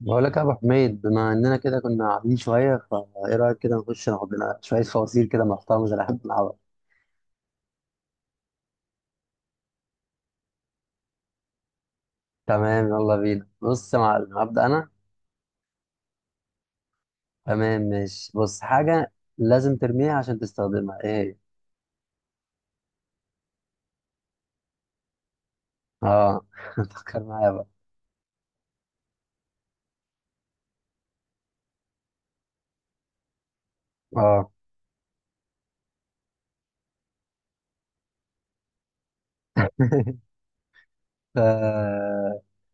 بقول لك يا ابو حميد، بما اننا كده كنا قاعدين شويه، فايه رايك كده نخش ناخد لنا شويه فوازير كده محترمه زي اللي احنا بنلعبها؟ تمام، يلا بينا. بص يا معلم، هبدا انا. تمام ماشي. بص، حاجه لازم ترميها عشان تستخدمها، ايه هي؟ اه، فكر معايا بقى. اه، ف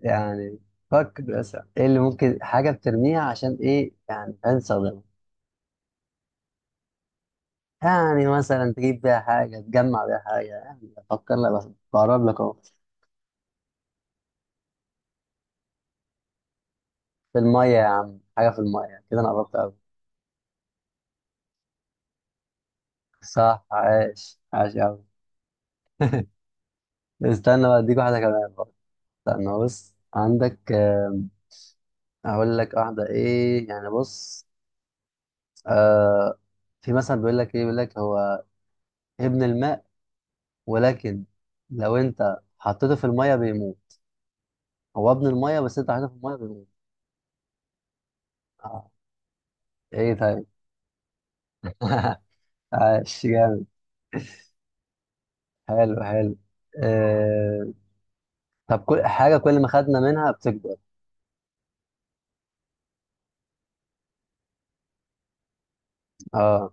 يعني فكر بس، ايه اللي ممكن حاجه بترميها عشان ايه، يعني عشان تستخدمها. يعني مثلا تجيب بيها حاجه، تجمع بيها حاجه، يعني فكر لك بس. بقرب لك. في المية يا عم، حاجة في المية كده، أنا قربت أوي. صح، عاش عاش أوي. استنى بقى، أديك واحدة كمان برضه. استنى بص، عندك أقول لك واحدة إيه، يعني بص. آه. في مثلا بيقول لك إيه، بيقول لك هو ابن الماء، ولكن لو أنت حطيته في المية بيموت. هو ابن المية بس أنت حطيته في المية بيموت. آه. إيه، طيب. عاش جامد. حلو حلو. آه. طب كل حاجة كل ما خدنا منها بتكبر. اه.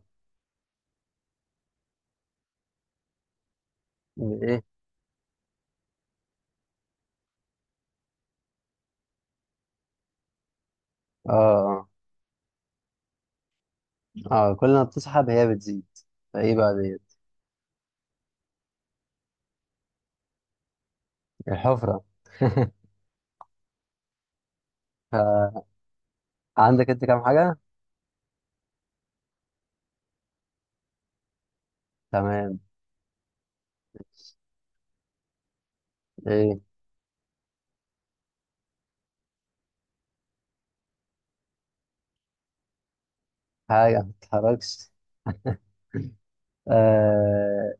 يعني إيه؟ اه، آه. اه، كل ما بتسحب هي بتزيد. فايه بقى ديت؟ الحفرة. عندك انت كام حاجة؟ تمام. ايه؟ حاجة ما تتحركش. آه،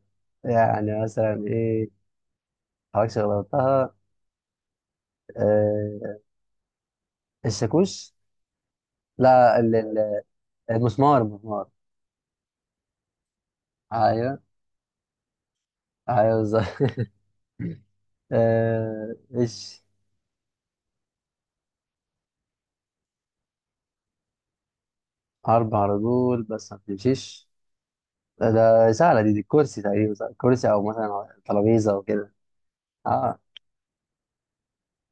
يعني مثلا ايه ما تتحركش غير لو قلتها؟ آه، الشاكوش. لا، المسمار المسمار. ايوه ايوه، بالظبط. آه ايش. اربع رجول بس ما بتمشيش. ده سهلة دي الكرسي تقريبا، صح؟ كرسي او مثلا ترابيزة او كده. اه،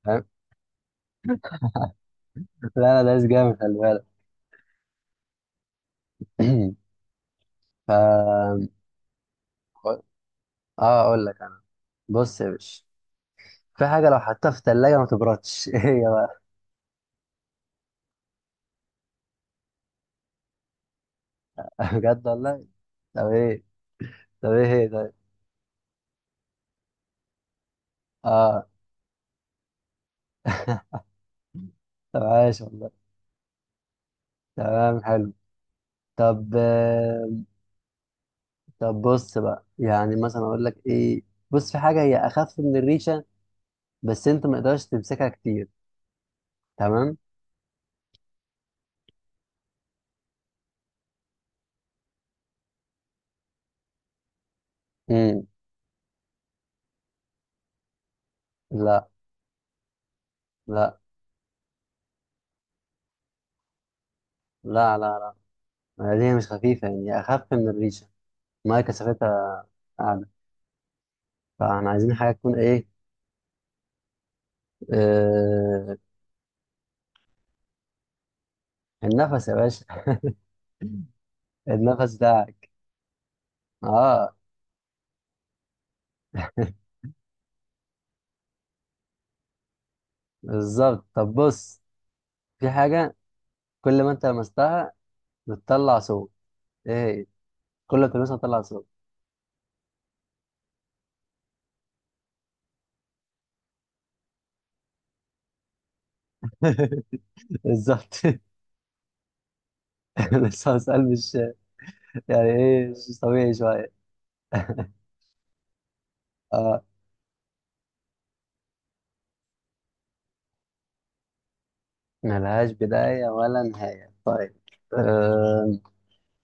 فاهم؟ لا لا، ده جامد، خلي بالك. ف اه، اقول لك انا. بص يا باشا، في حاجه لو حطيتها في الثلاجه ما تبردش. ايه هي بقى؟ بجد والله. طب ايه؟ طب ايه هي، طيب؟ اه. طب عايش والله. تمام حلو. طب طب بص بقى، يعني مثلا اقول لك ايه. بص، في حاجه هي اخف من الريشه، بس انت ما تقدرش تمسكها كتير. تمام. امم. لا لا لا لا لا. ما هي دي مش خفيفه، يعني هي اخف من الريشه. ما هي كثافتها اعلى. فاحنا عايزين حاجه تكون ايه. آه، النفس يا باشا. النفس ده. اه. بالظبط. طب بص، في حاجة كل ما انت لمستها بتطلع صوت، ايه هي؟ كل ما تلمسها بتطلع صوت. بالظبط. لسه سؤال مش، يعني ايه، مش طبيعي شوية. اه. ملهاش بداية ولا نهاية، طيب. أه.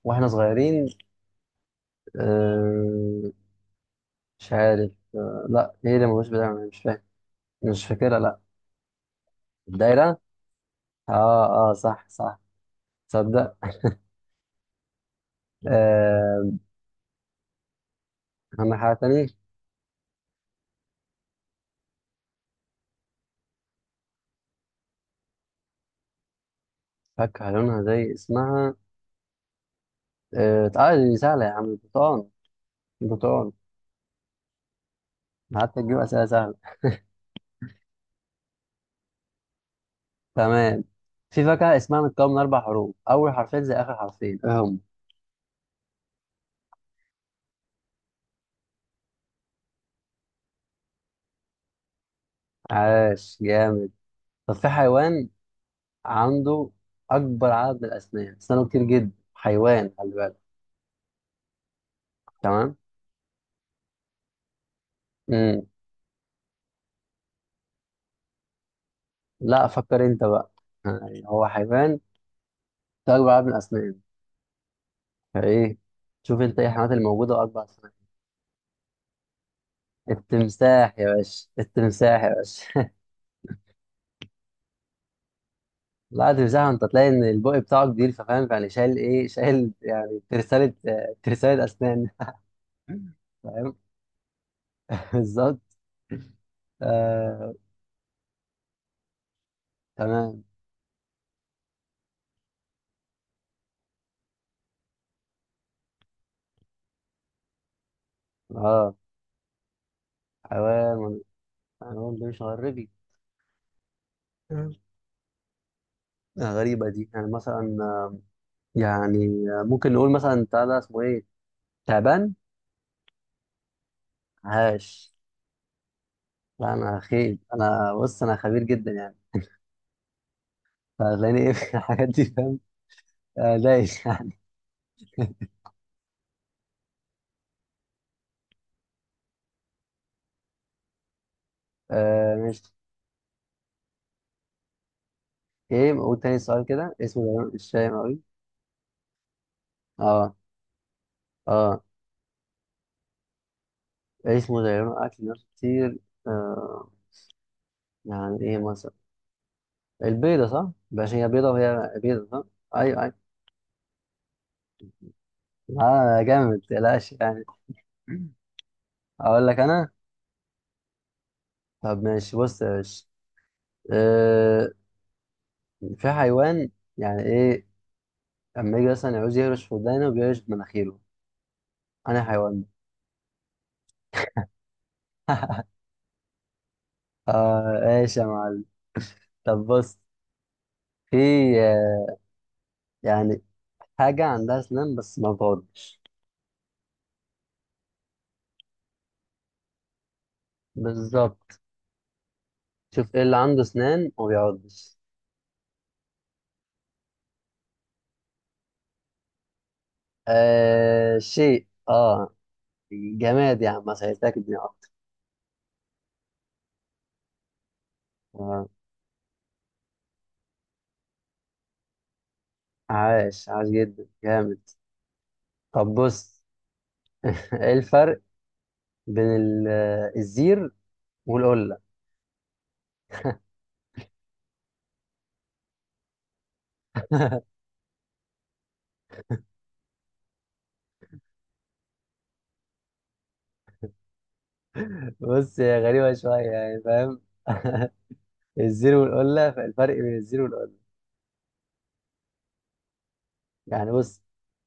واحنا صغيرين. أه. مش عارف. أه، لا، ايه اللي ملوش بداية؟ أنا مش فاهم، مش فاكرها، لا. الدايرة. اه اه، صح صح. تصدق؟ أه. عندك حاجة تانية؟ فاكهة لونها زي اسمها. آه آه، دي سهلة يا عم، البرتقال. البرتقال. حتى تجيب أسئلة سهلة. تمام. في فاكهة اسمها متكون من أربع حروف، أول حرفين زي آخر حرفين، إيه هم؟ عاش جامد. طب في حيوان عنده أكبر عدد من الأسنان، أسنانه كتير جدا، حيوان خلي بالك. تمام. مم. لا، فكر أنت بقى. يعني هو حيوان عنده أكبر عدد من الأسنان، فإيه؟ شوف أنت إيه الحيوانات اللي موجودة وأكبر أسنان. التمساح يا باشا، التمساح يا باشا. لا، تمسحه انت تلاقي ان البق بتاعه كبير، ففاهم يعني شايل ايه، شايل يعني ترسالة، ترسالة اسنان. فاهم. بالظبط. آه. تمام. اه، حيوان. حيوان ده مش غربي. آه، غريبة دي، يعني مثلا يعني ممكن نقول مثلا بتاع ده اسمه ايه. تعبان. عاش. لا انا خيل، انا بص، انا خبير جدا يعني. فهتلاقيني ايه في الحاجات دي، فاهم. آه، دايس يعني. آه مش. ايه، قول تاني سؤال كده، اسمه ده مش فاهم قوي. اه اه. عيش مدعية أكل ناس كتير. آه. يعني إيه مثلا؟ البيضة، صح؟ باش هي بيضة وهي بيضة، صح؟ أيوه أيوه. آه جامد، متقلقش يعني. أقول لك أنا. طب ماشي، بص يا باشا. آه. في حيوان، يعني إيه، لما يجي مثلا يعوز يهرش في ودانه، بيهرش بمناخيره. أنا حيوان ده. آه إيش يا معلم. طب بص، في آه، يعني حاجة عندها أسنان بس ما بتعضش. بالظبط. شوف إيه اللي عنده أسنان وما بيعضش. آه شيء، اه. جماد يا عم، ما سهلتك الدنيا اكتر. آه، عاش عاش جدا جامد. طب بص. ايه الفرق بين الزير والقلة. بص هي غريبة شوية يعني، فاهم. الزير والقلة، الفرق بين الزير والقلة. يعني بص،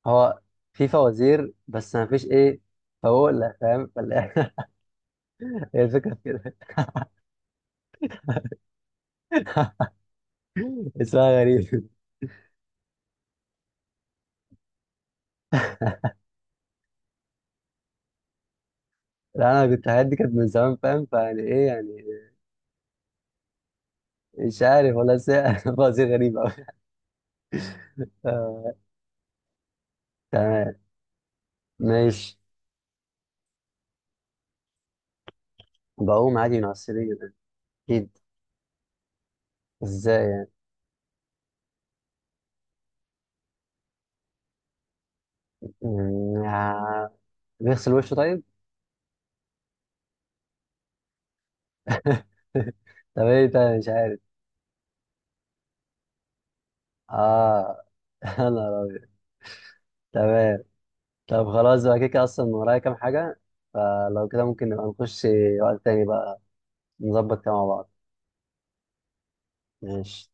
هو في فوازير بس ما فيش ايه، فوقلة، فاهم هي الفكرة في كده. اسمها غريب. لا انا كنت، حياتي كانت من زمان، فاهم، فيعني ايه يعني. مش عارف والله، بس هي فوازير غريبة أوي. آه، تمام، ماشي. بقوم عادي من على السرير، أكيد. إزاي يعني؟ مم، آه، بيغسل وشه، طيب. طب إيه تاني، مش عارف. آه. أنا راجل. تمام. طب خلاص بقى، كده كده أصلا ورايا كام حاجة، فلو كده ممكن نبقى نخش وقت تاني بقى، نظبط كده مع بعض. ماشي.